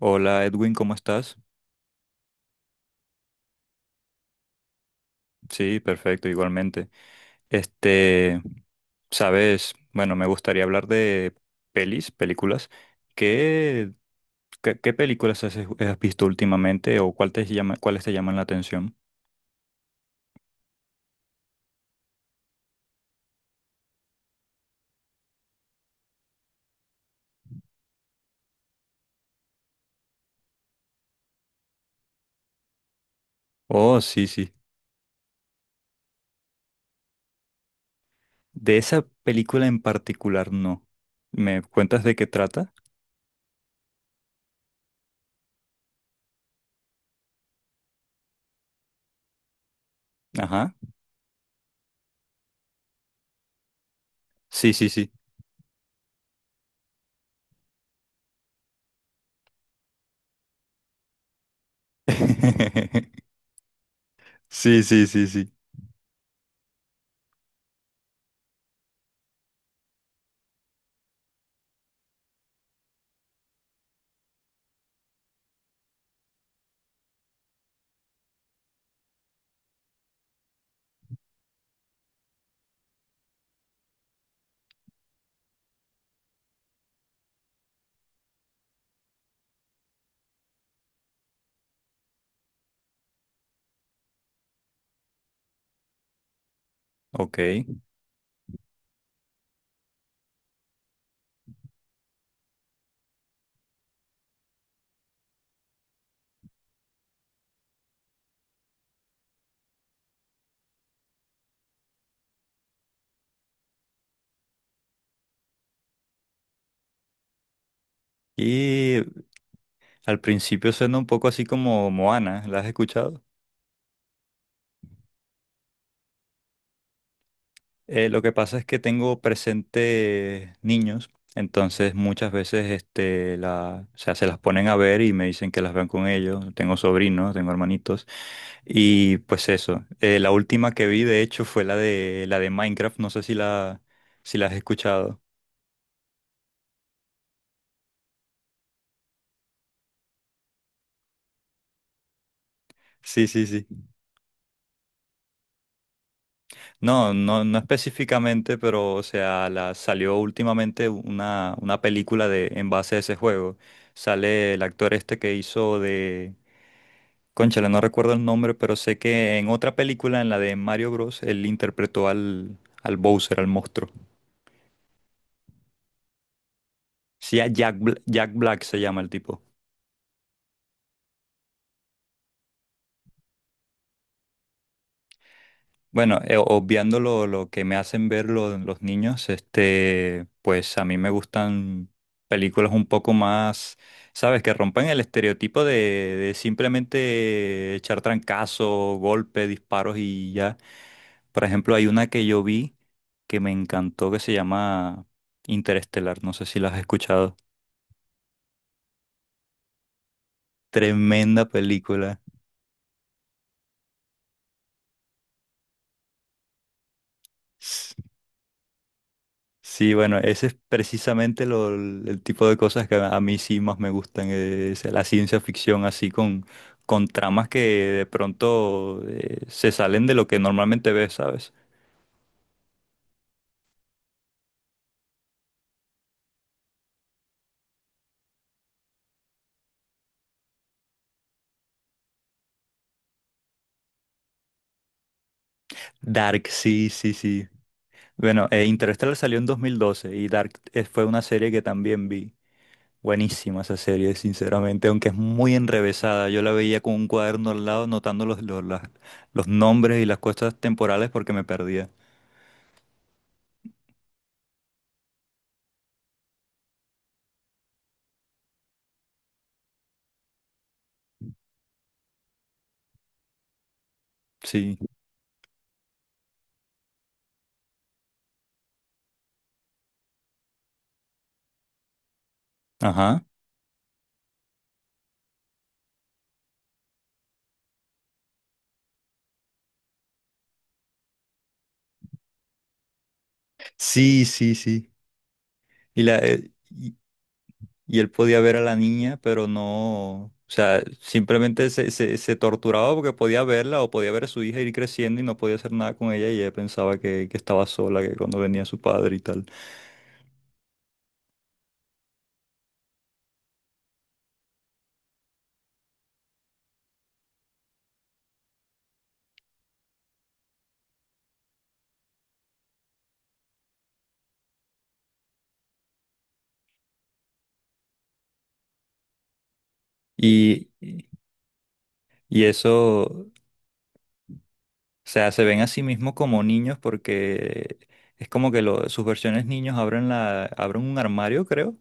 Hola Edwin, ¿cómo estás? Sí, perfecto, igualmente. Este, sabes, bueno, me gustaría hablar de pelis, películas. ¿Qué, qué películas has visto últimamente o cuál te llama, ¿cuáles te llaman la atención? Oh, sí, sí. De esa película en particular, no. ¿Me cuentas de qué trata? Ajá. Sí, sí, sí. Sí, sí, sí, sí. Ok. Y al principio suena un poco así como Moana, ¿la has escuchado? Lo que pasa es que tengo presente niños, entonces muchas veces o sea, se las ponen a ver y me dicen que las vean con ellos. Tengo sobrinos, tengo hermanitos. Y pues eso. La última que vi, de hecho, fue la de Minecraft. No sé si si la has escuchado. Sí, sí, sí. No, no, no específicamente, pero o sea, salió últimamente una película de, en base a ese juego. Sale el actor este que hizo de Cónchale, no recuerdo el nombre, pero sé que en otra película, en la de Mario Bros, él interpretó al Bowser, al monstruo. Sí, a Jack Black se llama el tipo. Bueno, obviando lo que me hacen ver los niños, pues a mí me gustan películas un poco más, ¿sabes? Que rompan el estereotipo de simplemente echar trancazo, golpe, disparos y ya. Por ejemplo, hay una que yo vi que me encantó que se llama Interestelar, no sé si la has escuchado. Tremenda película. Sí, bueno, ese es precisamente el tipo de cosas que a mí sí más me gustan, es la ciencia ficción así con tramas que de pronto se salen de lo que normalmente ves, ¿sabes? Dark, sí, sí, sí. Bueno, Interstellar salió en 2012 y Dark fue una serie que también vi. Buenísima esa serie, sinceramente, aunque es muy enrevesada. Yo la veía con un cuaderno al lado, notando los nombres y las cosas temporales porque me perdía. Sí, ajá. Sí, sí, sí. Y, la, eh, y, y él podía ver a la niña, pero no, o sea, simplemente se torturaba porque podía verla o podía ver a su hija ir creciendo y no podía hacer nada con ella y ella pensaba que estaba sola, que cuando venía su padre y tal. Y, y eso, o sea, se ven a sí mismos como niños porque es como que sus versiones niños abren, abren un armario, creo.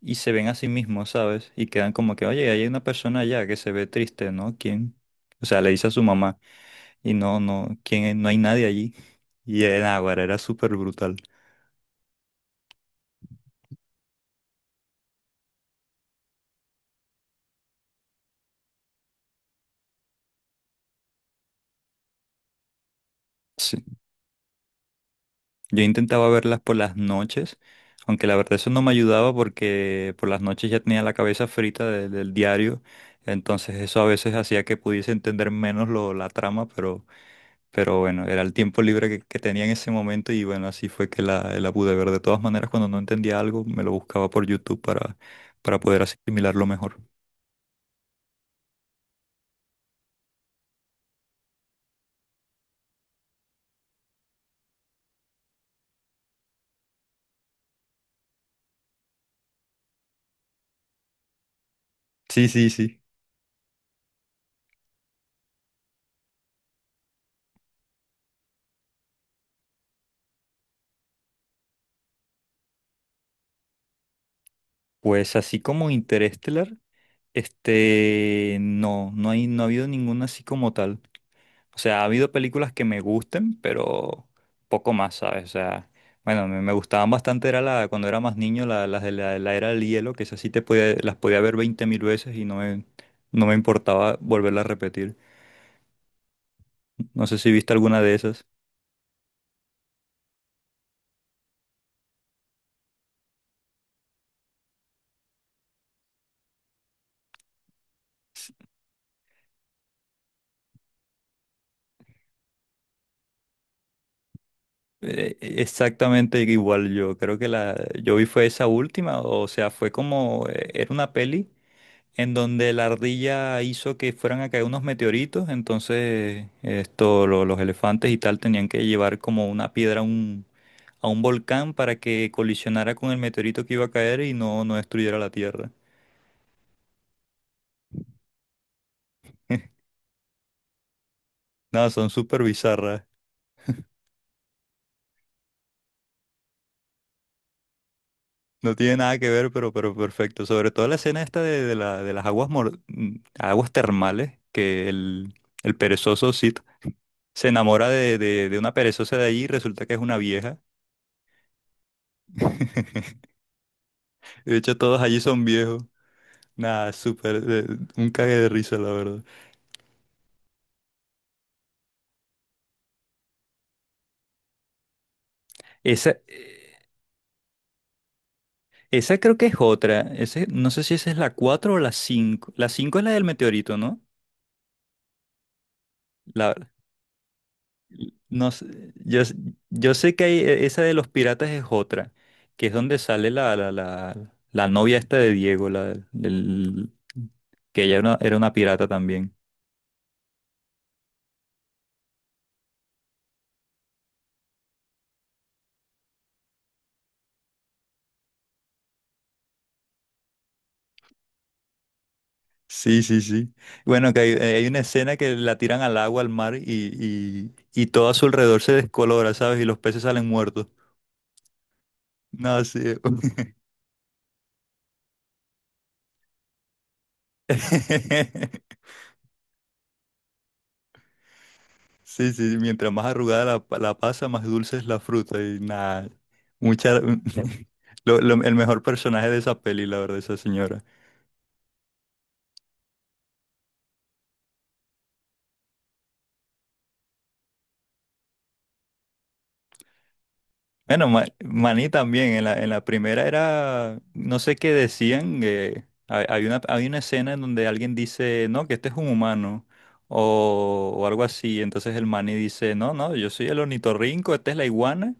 Y se ven a sí mismos, ¿sabes? Y quedan como que, oye, hay una persona allá que se ve triste, ¿no? ¿Quién? O sea, le dice a su mamá. Y no, no, ¿quién? No hay nadie allí. Y el Águara era súper brutal. Sí. Yo intentaba verlas por las noches, aunque la verdad eso no me ayudaba porque por las noches ya tenía la cabeza frita del diario, entonces eso a veces hacía que pudiese entender menos la trama, pero bueno, era el tiempo libre que tenía en ese momento y bueno, así fue que la pude ver. De todas maneras, cuando no entendía algo, me lo buscaba por YouTube para poder asimilarlo mejor. Sí, sí, sí. Pues así como Interestelar. No, no ha habido ninguna así como tal. O sea, ha habido películas que me gusten, pero poco más, ¿sabes? O sea, bueno, me gustaban bastante, era cuando era más niño, la, las de la, la era del hielo, que esas sí te podía, las podía ver 20 mil veces y no me, no me importaba volverla a repetir. No sé si viste alguna de esas. Exactamente igual yo, creo que la yo vi fue esa última, o sea, fue como, era una peli en donde la ardilla hizo que fueran a caer unos meteoritos, entonces esto, los elefantes y tal tenían que llevar como una piedra a a un volcán para que colisionara con el meteorito que iba a caer y no, no destruyera la Tierra. Nada, son súper bizarras. No tiene nada que ver, pero perfecto. Sobre todo la escena esta de las aguas termales, que el perezoso Sid se enamora de una perezosa de allí y resulta que es una vieja. De hecho, todos allí son viejos. Nada, súper, un cague de risa, la verdad. Esa, eh, esa creo que es otra. Ese, no sé si esa es la 4 o la cinco. La 5 es la del meteorito, ¿no? La, no sé, yo, s- yo sé que hay, esa de los piratas es otra, que es donde sale la novia esta de Diego, que ella era una pirata también. Sí, sí, sí. Bueno, que hay, hay una escena que la tiran al agua, al mar, y todo a su alrededor se descolora, ¿sabes? Y los peces salen muertos. No, sí. Sí, sí, mientras más arrugada la pasa, más dulce es la fruta. Y nada, mucha... el mejor personaje de esa peli, la verdad, esa señora. Bueno, Manny también, en en la primera era, no sé qué decían, hay, hay una escena en donde alguien dice, no, que este es un humano, o algo así. Entonces el Manny dice, no, no, yo soy el ornitorrinco, esta es la iguana.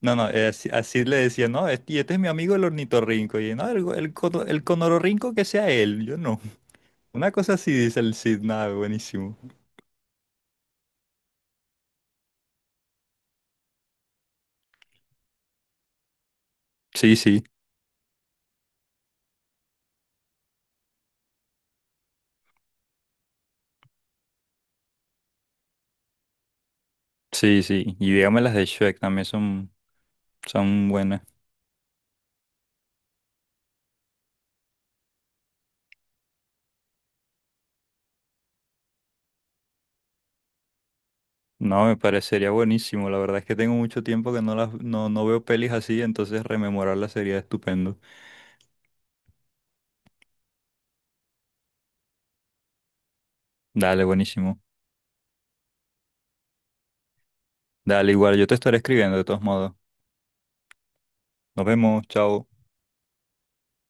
No, no, así, así le decía, no, este, y este es mi amigo el ornitorrinco. Y no, el conororrinco que sea él, yo no. Una cosa así dice el Cid, nada, buenísimo. Sí, sí, sí, sí. Y dígame las de Shrek también son buenas. No, me parecería buenísimo. La verdad es que tengo mucho tiempo que no las, no, no veo pelis así, entonces rememorarlas sería estupendo. Dale, buenísimo. Dale, igual, yo te estaré escribiendo de todos modos. Nos vemos, chao.